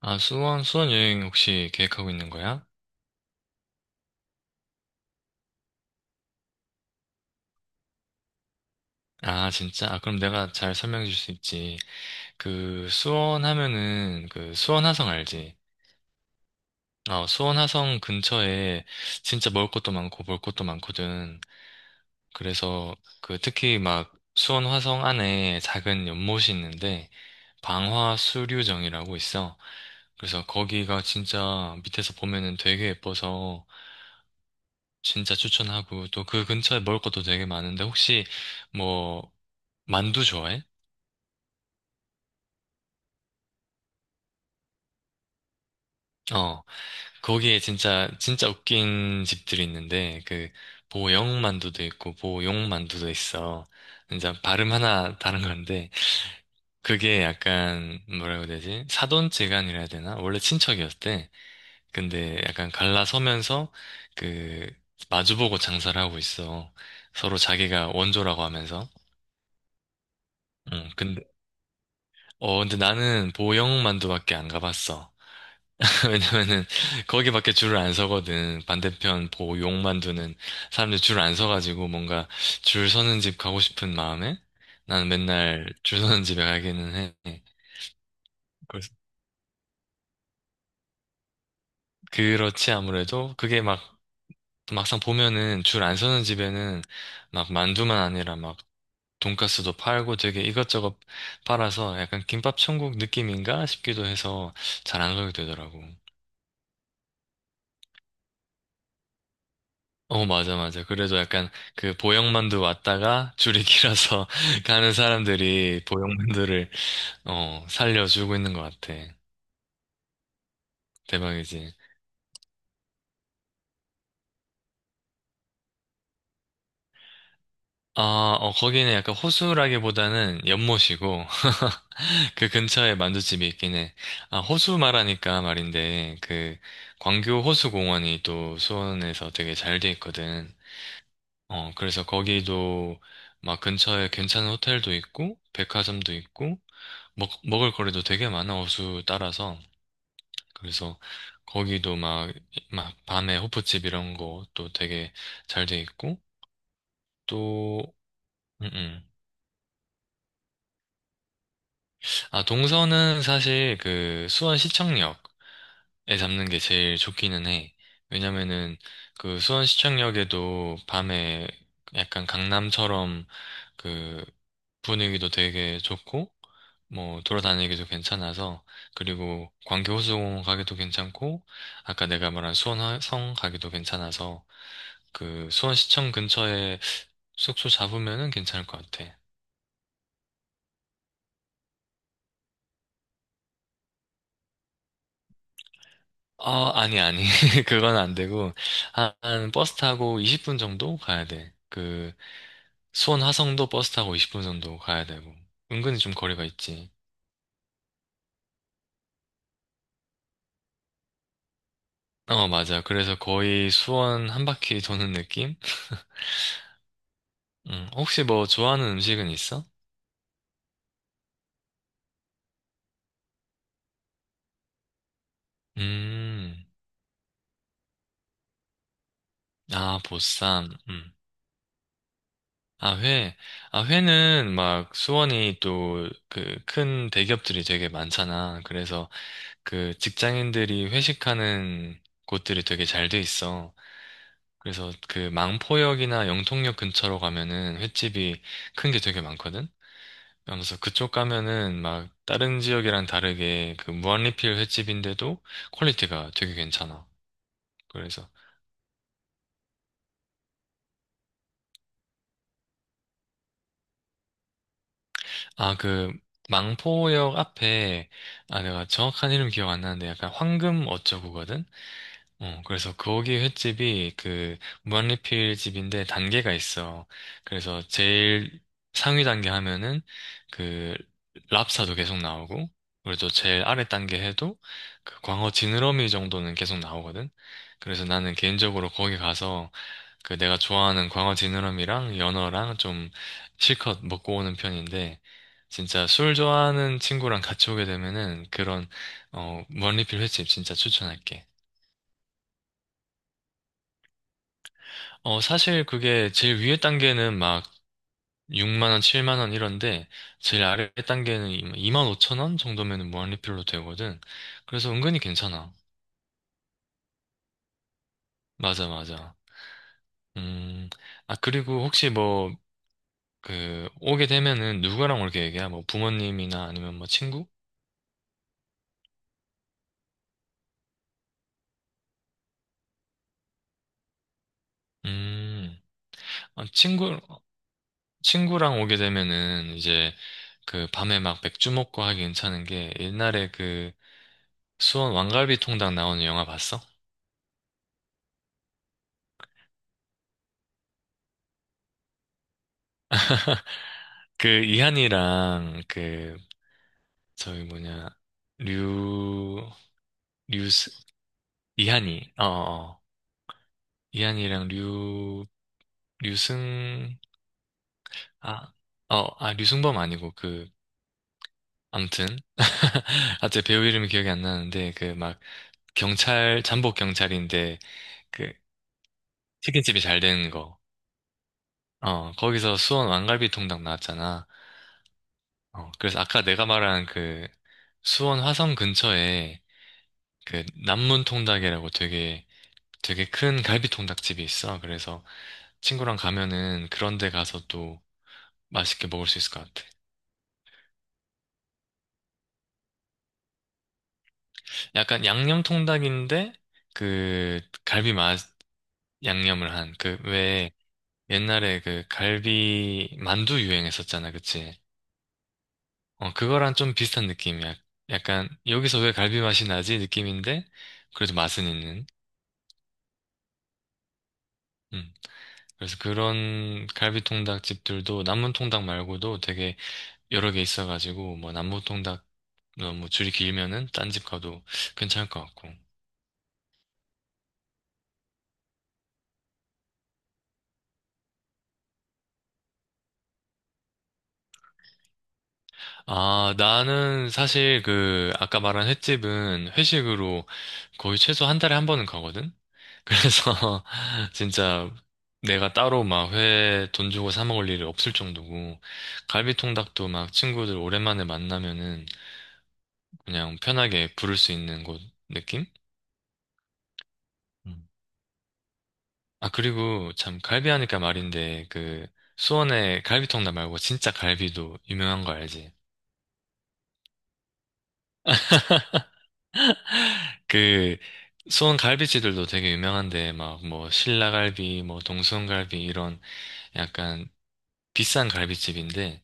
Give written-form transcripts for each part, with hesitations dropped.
아, 수원 여행 혹시 계획하고 있는 거야? 아, 진짜? 아, 그럼 내가 잘 설명해 줄 수 있지. 그, 수원 하면은, 그, 수원 화성 알지? 어, 수원 화성 근처에 진짜 먹을 것도 많고 볼 것도 많거든. 그래서, 그, 특히 막, 수원 화성 안에 작은 연못이 있는데, 방화수류정이라고 있어. 그래서 거기가 진짜 밑에서 보면은 되게 예뻐서 진짜 추천하고, 또 그 근처에 먹을 것도 되게 많은데, 혹시, 뭐, 만두 좋아해? 어, 거기에 진짜, 진짜 웃긴 집들이 있는데, 그, 보영 만두도 있고, 보용 만두도 있어. 진짜 발음 하나 다른 건데, 그게 약간, 뭐라고 해야 되지? 사돈지간이라 해야 되나? 원래 친척이었대. 근데 약간 갈라서면서, 그, 마주보고 장사를 하고 있어. 서로 자기가 원조라고 하면서. 응, 근데 나는 보영 만두밖에 안 가봤어. 왜냐면은 거기밖에 줄을 안 서거든. 반대편 보고 욕 만두는 사람들 줄 안 서가지고 뭔가 줄 서는 집 가고 싶은 마음에 나는 맨날 줄 서는 집에 가기는 해. 그래서 그렇지 아무래도 그게 막 막상 보면은 줄 안 서는 집에는 막 만두만 아니라 막 돈가스도 팔고 되게 이것저것 팔아서 약간 김밥 천국 느낌인가 싶기도 해서 잘 안 가게 되더라고. 어, 맞아, 맞아. 그래도 약간 그 보형만두 왔다가 줄이 길어서 가는 사람들이 보형만두를, 어, 살려주고 있는 것 같아. 대박이지. 아, 어, 거기는 약간 호수라기보다는 연못이고, 그 근처에 만두집이 있긴 해. 아, 호수 말하니까 말인데, 그, 광교 호수공원이 또 수원에서 되게 잘 돼 있거든. 어, 그래서 거기도 막 근처에 괜찮은 호텔도 있고, 백화점도 있고, 먹을 거리도 되게 많아, 호수 따라서. 그래서 거기도 막, 막 밤에 호프집 이런 거 또 되게 잘 돼 있고 또. 음, 음. 아 동서는 사실 그 수원 시청역에 잡는 게 제일 좋기는 해. 왜냐면은 그 수원 시청역에도 밤에 약간 강남처럼 그 분위기도 되게 좋고, 뭐, 돌아다니기도 괜찮아서, 그리고 광교 호수공원 가기도 괜찮고, 아까 내가 말한 수원성 가기도 괜찮아서, 그, 수원시청 근처에 숙소 잡으면은 괜찮을 것 같아. 어, 아니, 아니. 그건 안 되고, 한, 한 버스 타고 20분 정도 가야 돼. 그, 수원 화성도 버스 타고 20분 정도 가야 되고. 은근히 좀 거리가 있지. 어, 맞아. 그래서 거의 수원 한 바퀴 도는 느낌? 혹시 뭐 좋아하는 음식은 있어? 음, 아, 보쌈. 음. 아, 회. 아, 회는 막 수원이 또 그 큰 대기업들이 되게 많잖아. 그래서 그 직장인들이 회식하는 곳들이 되게 잘 돼 있어. 그래서 그 망포역이나 영통역 근처로 가면은 횟집이 큰 게 되게 많거든? 그러면서 그쪽 가면은 막 다른 지역이랑 다르게 그 무한리필 횟집인데도 퀄리티가 되게 괜찮아. 그래서 아, 그, 망포역 앞에, 아, 내가 정확한 이름 기억 안 나는데 약간 황금 어쩌구거든? 어, 그래서 거기 횟집이 그, 무한리필 집인데 단계가 있어. 그래서 제일 상위 단계 하면은 그, 랍스타도 계속 나오고, 그리고 또 제일 아래 단계 해도 그 광어 지느러미 정도는 계속 나오거든? 그래서 나는 개인적으로 거기 가서 그 내가 좋아하는 광어 지느러미랑 연어랑 좀 실컷 먹고 오는 편인데 진짜 술 좋아하는 친구랑 같이 오게 되면은 그런 원리필 횟집 진짜 추천할게. 어, 사실 그게 제일 위에 단계는 막 6만 원, 7만 원 이런데 제일 아래 단계는 2만 5천 원 정도면은 무한리필로 되거든. 그래서 은근히 괜찮아. 맞아, 맞아. 음, 아, 그리고 혹시 뭐 그 오게 되면은 누구랑 올게 얘기야? 뭐 부모님이나 아니면 뭐 친구? 음, 아, 친구랑 오게 되면은 이제 그 밤에 막 맥주 먹고 하기 괜찮은 게 옛날에 그 수원 왕갈비 통닭 나오는 영화 봤어? 그 이한이랑 그 저기 뭐냐, 류, 류스, 이한이, 어, 어, 어. 이한이랑 류승, 아, 어, 아, 류승범 아니고 그, 암튼. 아자 배우 이름이 기억이 안 나는데 그 막 경찰, 잠복 경찰인데 그 치킨집이 잘 되는 거. 어, 거기서 수원 왕갈비 통닭 나왔잖아. 어, 그래서 아까 내가 말한 그 수원 화성 근처에 그 남문 통닭이라고 되게 되게 큰 갈비 통닭집이 있어. 그래서 친구랑 가면은 그런 데 가서 또 맛있게 먹을 수 있을 것 같아. 약간 양념 통닭인데 그 갈비 맛 양념을 한 그 왜 옛날에 그 갈비 만두 유행했었잖아. 그치? 어, 그거랑 좀 비슷한 느낌이야. 약간, 여기서 왜 갈비 맛이 나지? 느낌인데, 그래도 맛은 있는. 음. 그래서 그런 갈비 통닭 집들도 남문 통닭 말고도 되게 여러 개 있어가지고, 뭐, 남문 통닭, 어, 뭐, 줄이 길면은 딴 집 가도 괜찮을 것 같고. 아, 나는 사실 그, 아까 말한 횟집은 회식으로 거의 최소 한 달에 한 번은 가거든? 그래서 진짜 내가 따로 막 회 돈 주고 사 먹을 일이 없을 정도고, 갈비통닭도 막 친구들 오랜만에 만나면은 그냥 편하게 부를 수 있는 곳 느낌? 음. 아, 그리고 참 갈비 하니까 말인데 그, 수원에 갈비통닭 말고 진짜 갈비도 유명한 거 알지? 그, 수원 갈비집들도 되게 유명한데, 막, 뭐, 신라갈비, 뭐, 동수원갈비, 이런 약간 비싼 갈비집인데,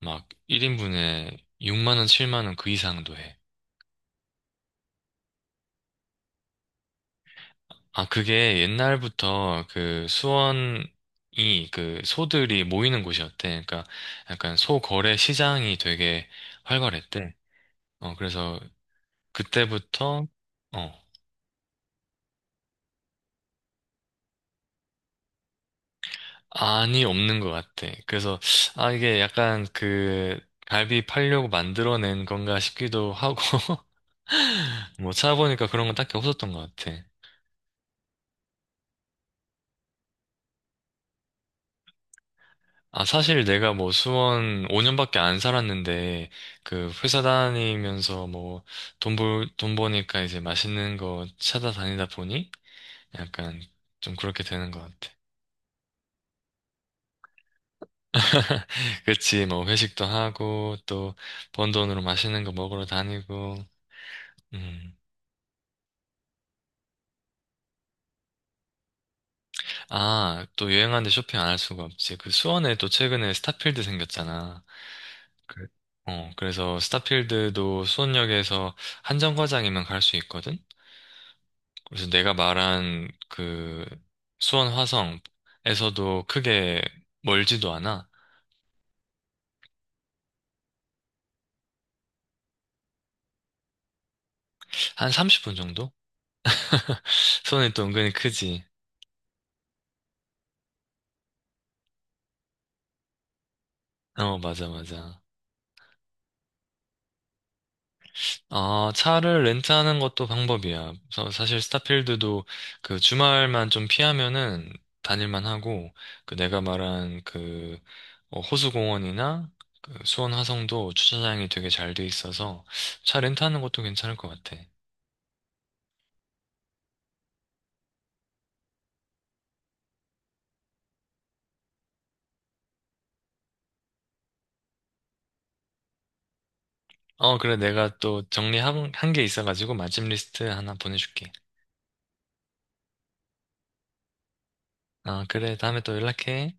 막, 1인분에 6만 원, 7만 원 그 이상도 해. 아, 그게 옛날부터 그 수원이 그 소들이 모이는 곳이었대. 그러니까 약간 소 거래 시장이 되게 활발했대. 어, 그래서 그때부터, 어, 아니 없는 것 같아. 그래서, 아, 이게 약간 그, 갈비 팔려고 만들어낸 건가 싶기도 하고, 뭐 찾아보니까 그런 건 딱히 없었던 것 같아. 아, 사실 내가 뭐 수원 5년밖에 안 살았는데, 그 회사 다니면서 뭐 돈 버니까 이제 맛있는 거 찾아다니다 보니 약간 좀 그렇게 되는 것 같아. 그치, 뭐 회식도 하고, 또 번 돈으로 맛있는 거 먹으러 다니고, 음. 아, 또 유행하는데 쇼핑 안 할 수가 없지. 그 수원에 또 최근에 스타필드 생겼잖아. 그- 어, 그래서 스타필드도 수원역에서 한정거장이면 갈 수 있거든? 그래서 내가 말한 그 수원 화성에서도 크게 멀지도 않아. 한 30분 정도? 수원이 또 은근히 크지. 어, 맞아, 맞아. 아, 차를 렌트하는 것도 방법이야. 사실 스타필드도 그 주말만 좀 피하면은 다닐만 하고, 그 내가 말한 그 호수공원이나 그 수원 화성도 주차장이 되게 잘 돼 있어서 차 렌트하는 것도 괜찮을 것 같아. 어, 그래. 내가 또 정리한 한 게 있어가지고 맛집 리스트 하나 보내줄게. 아, 그래. 다음에 또 연락해.